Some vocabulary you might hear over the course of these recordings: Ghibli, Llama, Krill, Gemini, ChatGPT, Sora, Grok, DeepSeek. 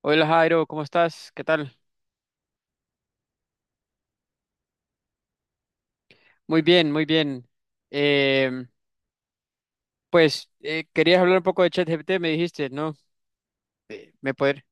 Hola Jairo, ¿cómo estás? ¿Qué tal? Muy bien, muy bien. Em, pues querías hablar un poco de ChatGPT, me dijiste, ¿no? ¿Me poder?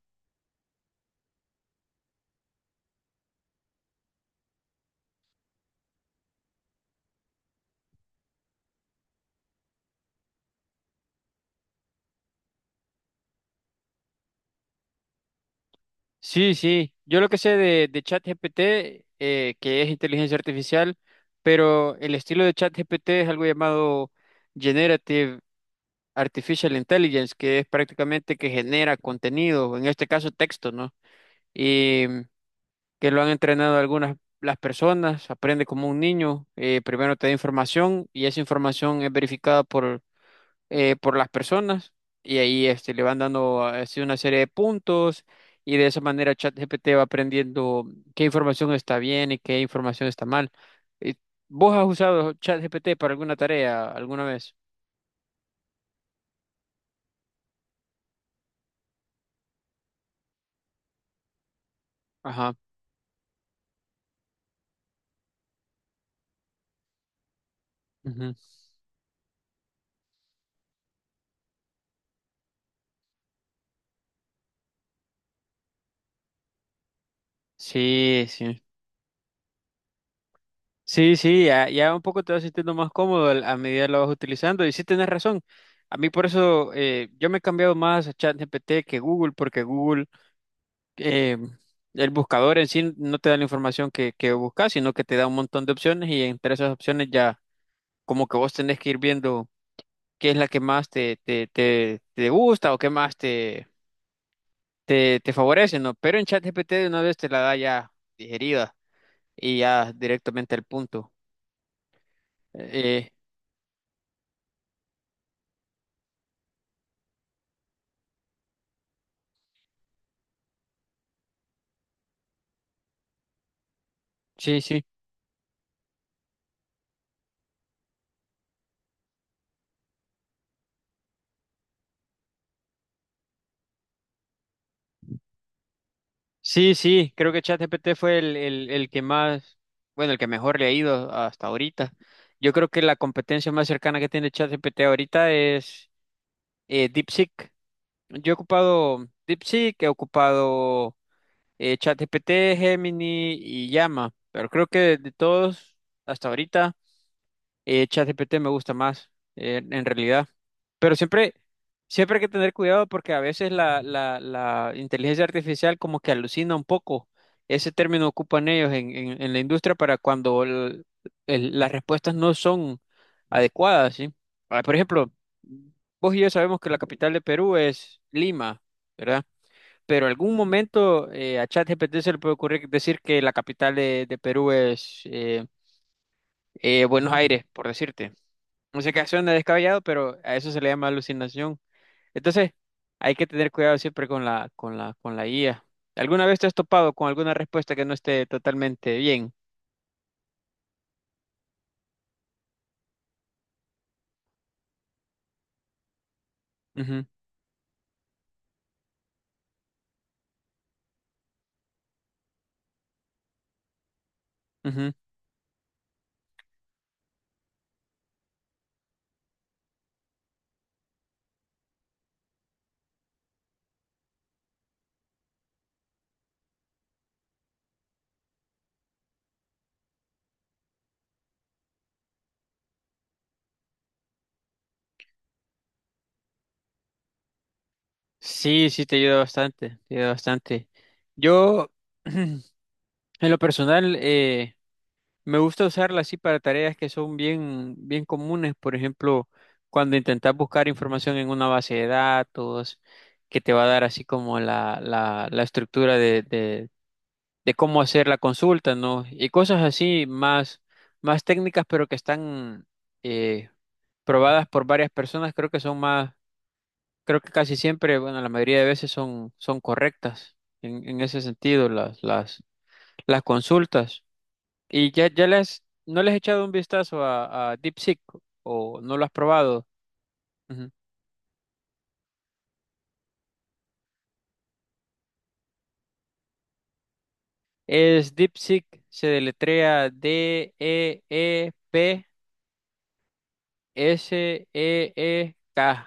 Sí, sí. Yo lo que sé de ChatGPT, que es inteligencia artificial, pero el estilo de ChatGPT es algo llamado Generative Artificial Intelligence, que es prácticamente que genera contenido, en este caso texto, ¿no? Que lo han entrenado algunas las personas, aprende como un niño. Primero te da información y esa información es verificada por las personas, y ahí le van dando así una serie de puntos, y de esa manera ChatGPT va aprendiendo qué información está bien y qué información está mal. Eh, ¿Vos has usado ChatGPT para alguna tarea alguna vez? Ajá. Ujú. Sí, sí. Sí, sí, ya, ya un poco te vas sintiendo más cómodo a medida que lo vas utilizando. Y sí, tienes razón. A mí por eso yo me he cambiado más a ChatGPT que Google, porque Google, eh, el buscador en sí no te da la información que buscas, sino que te da un montón de opciones, y entre esas opciones ya como que vos tenés que ir viendo qué es la que más te gusta, o qué más te favorece, ¿no? Pero en ChatGPT de una vez te la da ya digerida y ya directamente al punto. Eh, Sí, sí, sí, sí, creo que ChatGPT fue el que más, bueno, el que mejor le ha ido hasta ahorita. Yo creo que la competencia más cercana que tiene ChatGPT ahorita es DeepSeek. Yo he ocupado DeepSeek, he ocupado ChatGPT, Gemini y Llama, pero creo que de, todos, hasta ahorita, ChatGPT me gusta más, en realidad. Pero siempre, siempre hay que tener cuidado porque a veces la, inteligencia artificial como que alucina un poco. Ese término ocupan ellos en la industria para cuando las respuestas no son adecuadas, ¿sí? Ah, por ejemplo, vos y yo sabemos que la capital de Perú es Lima, ¿verdad? Pero algún momento, a ChatGPT se le puede ocurrir decir que la capital de, Perú es Buenos Aires, por decirte música, que suena descabellado, pero a eso se le llama alucinación. Entonces, hay que tener cuidado siempre con la IA. ¿Alguna vez te has topado con alguna respuesta que no esté totalmente bien? Ujú, ujú. Sí, sí, te ayuda bastante, te ayuda bastante. Yo, en lo personal, me gusta usarla así para tareas que son bien, bien comunes. Por ejemplo, cuando intentas buscar información en una base de datos, que te va a dar así como la, estructura de cómo hacer la consulta, ¿no? Y cosas así más, más técnicas, pero que están eh, probadas por varias personas. Creo que son más, creo que casi siempre, bueno, la mayoría de veces, son, correctas en ese sentido, las consultas. Y ya, ya les, no les he echado un vistazo a DeepSeek, o no lo has probado. Ujú. Es DeepSeek, se deletrea DeepSeek.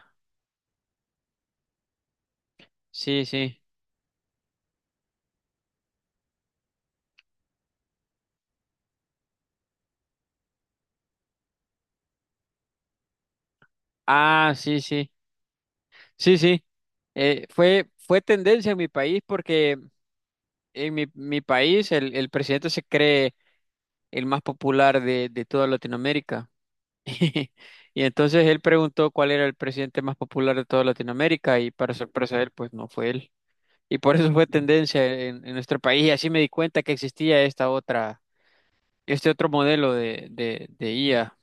Sí, sí. Ah, sí, sí, sí, sí. Fue, tendencia en mi país, porque en mi, país el presidente se cree el más popular de toda Latinoamérica. Y entonces él preguntó cuál era el presidente más popular de toda Latinoamérica, y para sorpresa de él, pues no fue él. Y por eso fue tendencia en, nuestro país, y así me di cuenta que existía esta otra, este otro modelo de, IA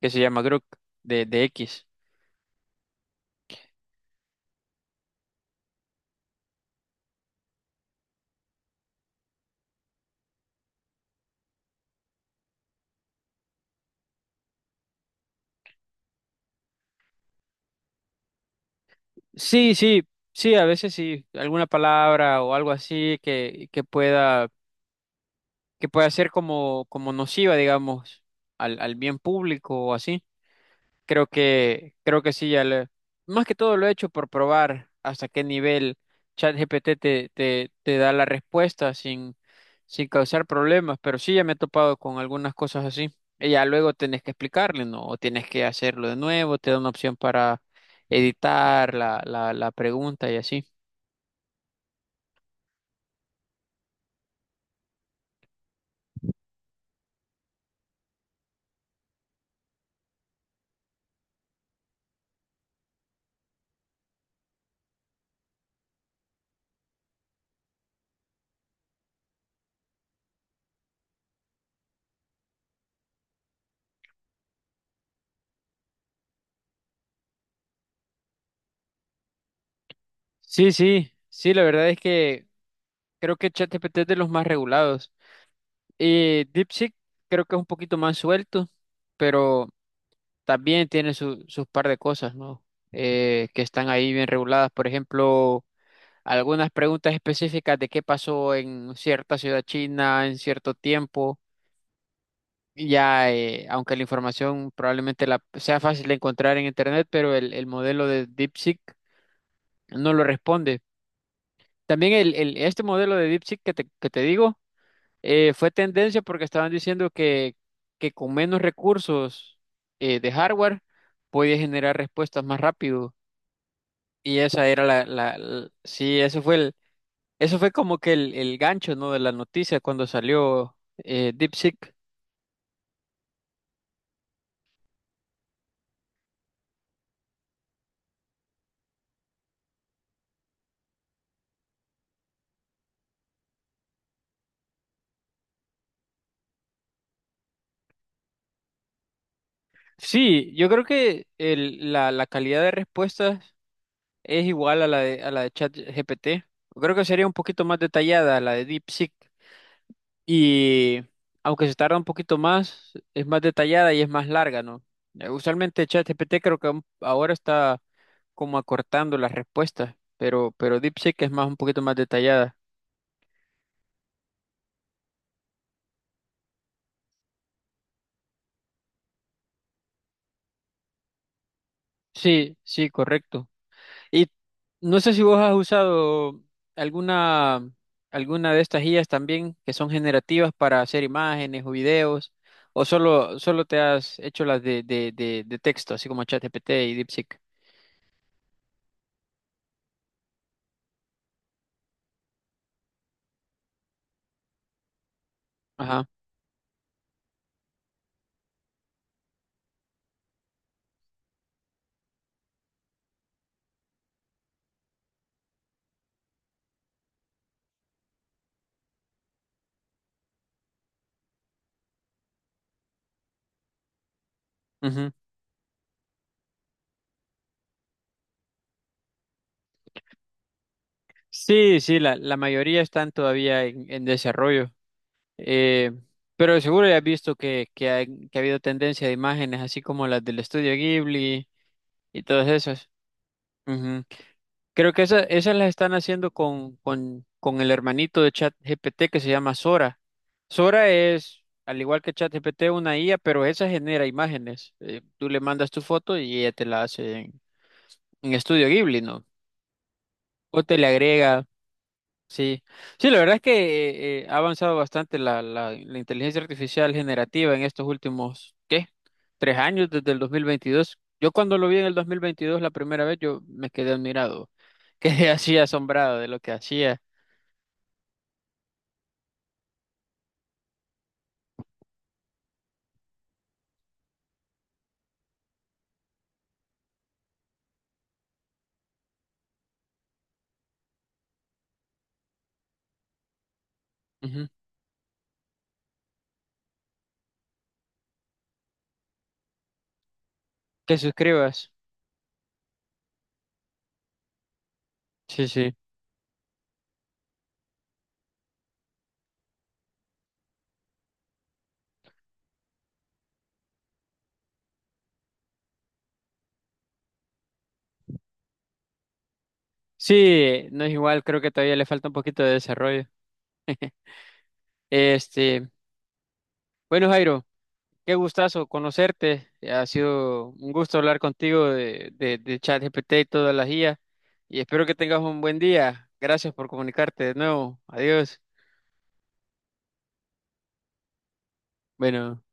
que se llama Grok, de X. Sí, sí, sí, a veces sí, alguna palabra o algo así que, que pueda ser como, nociva, digamos, al bien público o así. Creo que sí, más que todo lo he hecho por probar hasta qué nivel ChatGPT te da la respuesta sin, causar problemas, pero sí, ya me he topado con algunas cosas así. Y ya luego tienes que explicarle, ¿no? O tienes que hacerlo de nuevo, te da una opción para editar la pregunta y así. Sí, sí, sí, la verdad es que creo que ChatGPT es de los más regulados. Y DeepSeek creo que es un poquito más suelto, pero también tiene sus par de cosas, ¿no? Que están ahí bien reguladas. Por ejemplo, algunas preguntas específicas de qué pasó en cierta ciudad china en cierto tiempo. Y ya, aunque la información probablemente sea fácil de encontrar en Internet, pero el, modelo de DeepSeek no lo responde. También este modelo de DeepSeek que te, digo. Fue tendencia porque estaban diciendo que con menos recursos, de hardware, podía generar respuestas más rápido. Y esa era sí, eso fue como que el gancho, ¿no? De la noticia cuando salió DeepSeek. Sí, yo creo que la, calidad de respuestas es igual a la de ChatGPT. Creo que sería un poquito más detallada la de DeepSeek. Y aunque se tarda un poquito más, es más detallada y es más larga, ¿no? Usualmente ChatGPT creo que ahora está como acortando las respuestas, pero, DeepSeek es más, un poquito más detallada. Sí, sí, correcto. Y no sé si vos has usado alguna, alguna de estas guías también que son generativas para hacer imágenes o videos, o solo te has hecho las de, texto, así como ChatGPT y DeepSeek. Ajá. Sí, sí, la, mayoría están todavía en desarrollo, eh, pero seguro ya has visto que ha habido tendencia de imágenes así como las del estudio Ghibli y todas esas. Ujú. Creo que esas, las están haciendo con el hermanito de ChatGPT que se llama Sora. Sora es, al igual que ChatGPT, una IA, pero esa genera imágenes. Tú le mandas tu foto y ella te la hace en, estudio Ghibli, ¿no? O te le agrega. Sí, sí, la verdad es que ha avanzado bastante la inteligencia artificial generativa en estos últimos, ¿qué? 3 años, desde el 2022. Yo cuando lo vi en el 2022 la primera vez, yo me quedé admirado, quedé así asombrado de lo que hacía. Ujú. Que suscribas. Sí, sí. Sí, no es igual, creo que todavía le falta un poquito de desarrollo. Este, bueno, Jairo. Qué gustazo conocerte. Ha sido un gusto hablar contigo de, ChatGPT y todas las IA. Y espero que tengas un buen día. Gracias por comunicarte de nuevo. Adiós. Bueno.